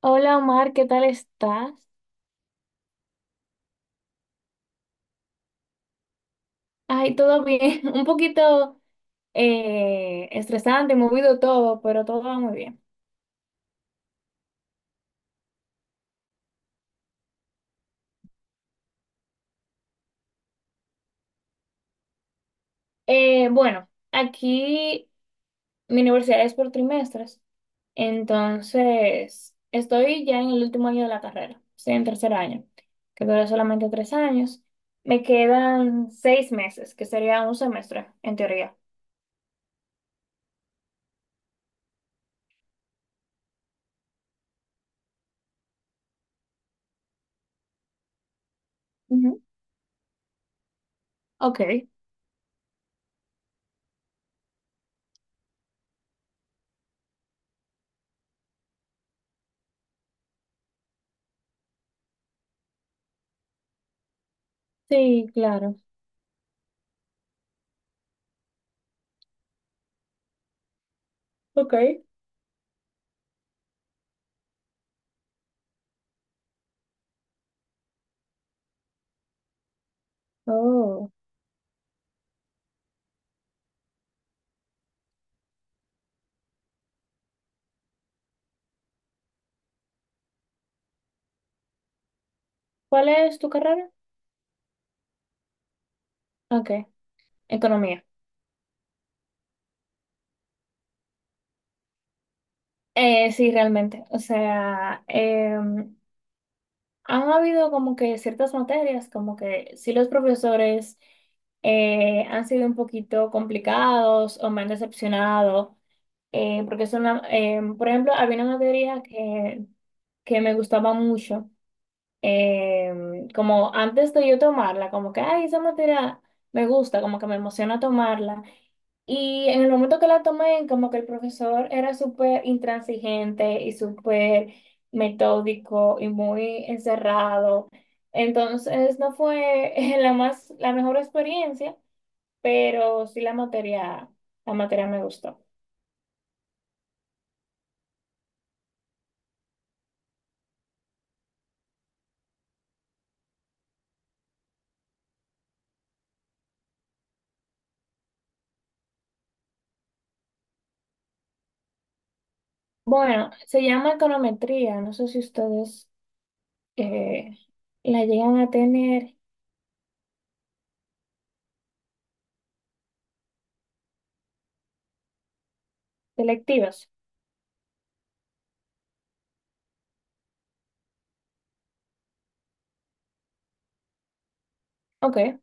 Hola Omar, ¿qué tal estás? Ay, todo bien, un poquito estresante, movido todo, pero todo va muy bien. Bueno, aquí mi universidad es por trimestres, entonces estoy ya en el último año de la carrera, estoy en tercer año, que dura solamente 3 años. Me quedan 6 meses, que sería un semestre, en teoría. Ujú. Ok, sí, claro. Ok. Oh. ¿Cuál es tu carrera? Ok, economía. Sí, realmente. O sea, han habido como que ciertas materias, como que sí los profesores han sido un poquito complicados o me han decepcionado, porque es una, por ejemplo, había una materia que me gustaba mucho, como antes de yo tomarla, como que, ay, esa materia me gusta, como que me emociona tomarla. Y en el momento que la tomé, como que el profesor era súper intransigente y súper metódico y muy encerrado. Entonces no fue la mejor experiencia, pero sí la materia me gustó. Bueno, se llama econometría. No sé si ustedes eh, la llegan a tener selectivas. Ok,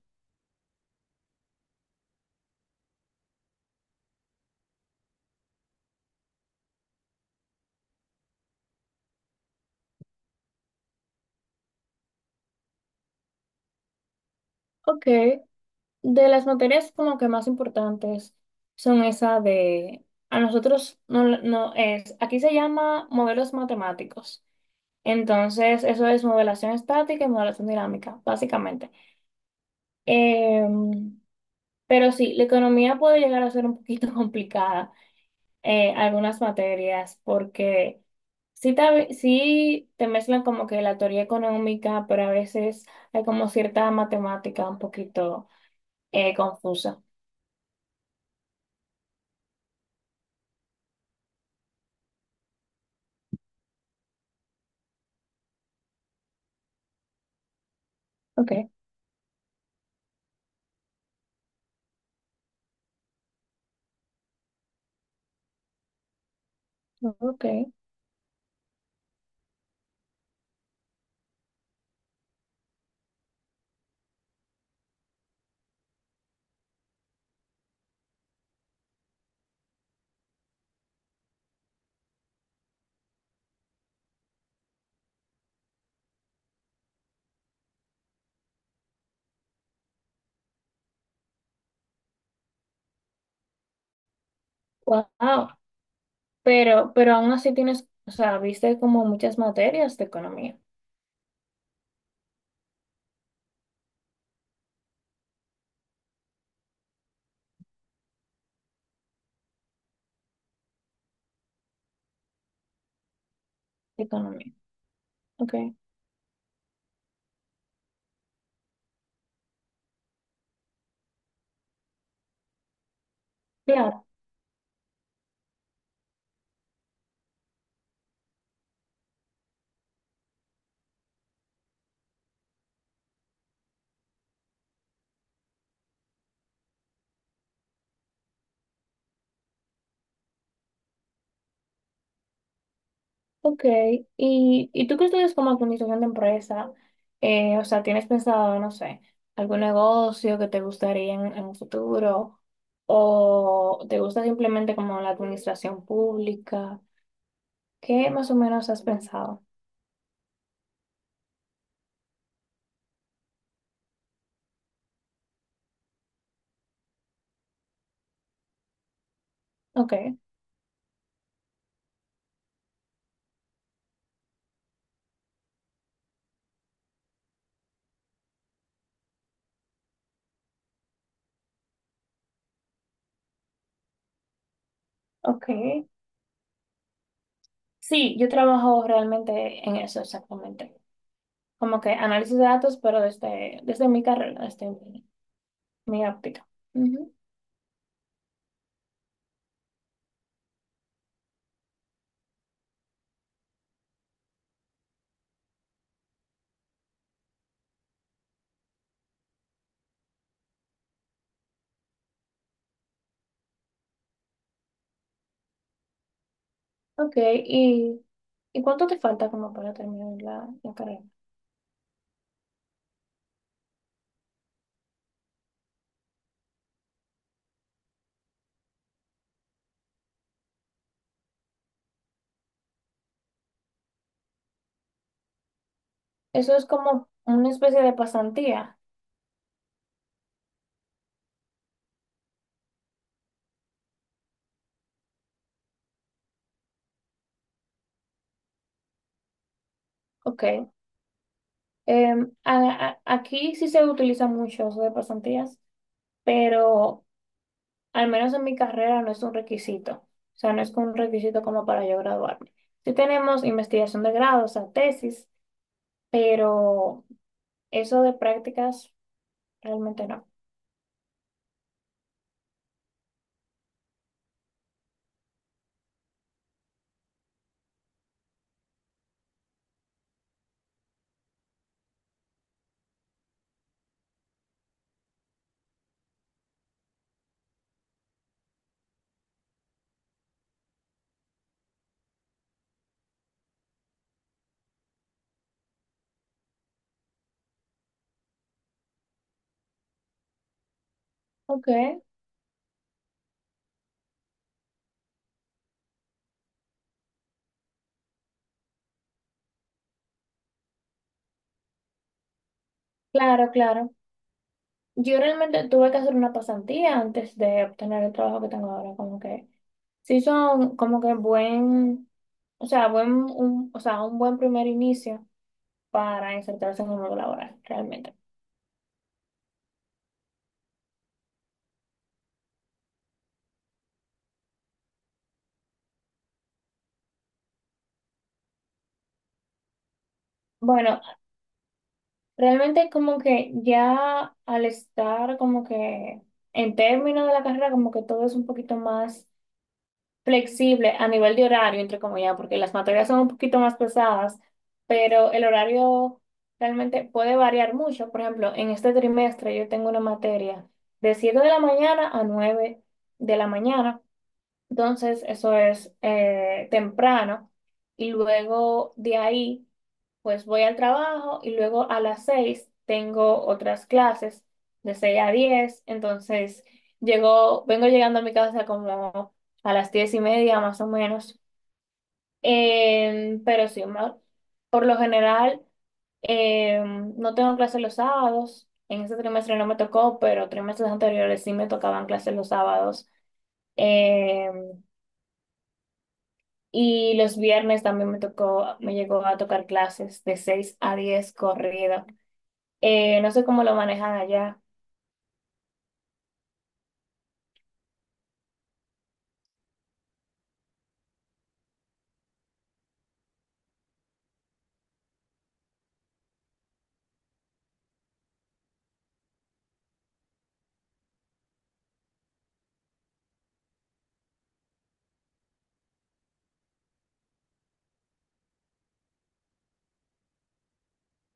ok. De las materias como que más importantes son esa de, a nosotros no, no es, aquí se llama modelos matemáticos. Entonces, eso es modelación estática y modelación dinámica, básicamente. Em, pero sí, la economía puede llegar a ser un poquito complicada, algunas materias, porque sí te mezclan como que la teoría económica, pero a veces hay como cierta matemática un poquito confusa. Ok, ok. Wow. Pero aún así tienes, o sea, viste como muchas materias de economía. De economía. Ok, claro, ok. ¿Y tú que estudias como administración de empresa? O sea, ¿tienes pensado, no sé, algún negocio que te gustaría en un futuro? ¿O te gusta simplemente como la administración pública? ¿Qué más o menos has pensado? Ok, ok. Sí, yo trabajo realmente en eso exactamente. Como que análisis de datos, pero desde mi carrera, desde mi óptica. Ujú. Ok, ¿y, y cuánto te falta como para terminar la carrera? Eso es como una especie de pasantía. Ok. Aquí sí se utiliza mucho eso de pasantías, pero al menos en mi carrera no es un requisito. O sea, no es un requisito como para yo graduarme. Sí tenemos investigación de grado, o sea, tesis, pero eso de prácticas realmente no. Ok. Claro, claro. Yo realmente tuve que hacer una pasantía antes de obtener el trabajo que tengo ahora, como que sí son como que buen, o sea, buen, un, o sea, un buen primer inicio para insertarse en el mundo laboral, realmente. Bueno, realmente como que ya al estar como que en términos de la carrera, como que todo es un poquito más flexible a nivel de horario, entre comillas, porque las materias son un poquito más pesadas, pero el horario realmente puede variar mucho. Por ejemplo, en este trimestre yo tengo una materia de 7 de la mañana a 9 de la mañana, entonces eso es temprano y luego de ahí... Pues voy al trabajo y luego a las 6 tengo otras clases de 6 a 10. Entonces llego, vengo llegando a mi casa como a las 10:30 más o menos. Pero sí, por lo general no tengo clases los sábados. En este trimestre no me tocó, pero trimestres anteriores sí me tocaban clases los sábados. Em, y los viernes también me tocó, me llegó a tocar clases de 6 a 10 corrido. No sé cómo lo manejan allá.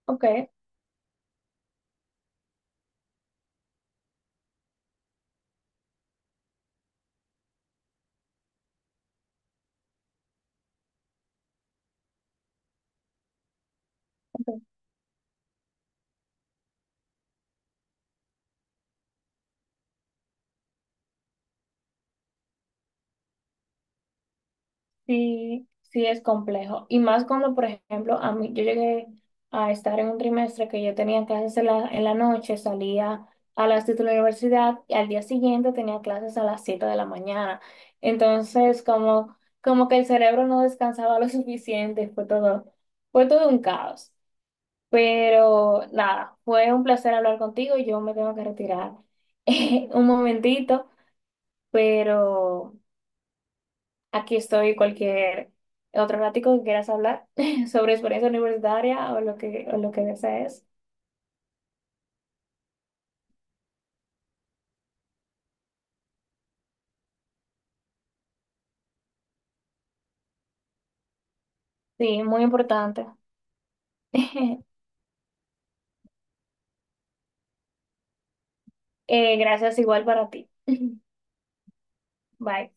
Ok, ok. Sí, sí es complejo. Y más cuando, por ejemplo, a mí, yo llegué a estar en un trimestre que yo tenía clases en la noche, salía a las 7 de la universidad y al día siguiente tenía clases a las 7 de la mañana. Entonces, como que el cerebro no descansaba lo suficiente, fue todo un caos. Pero nada, fue un placer hablar contigo. Yo me tengo que retirar un momentito, pero... Aquí estoy cualquier otro ratico que quieras hablar sobre experiencia universitaria o lo que desees. Sí, muy importante. Gracias igual para ti. Bye.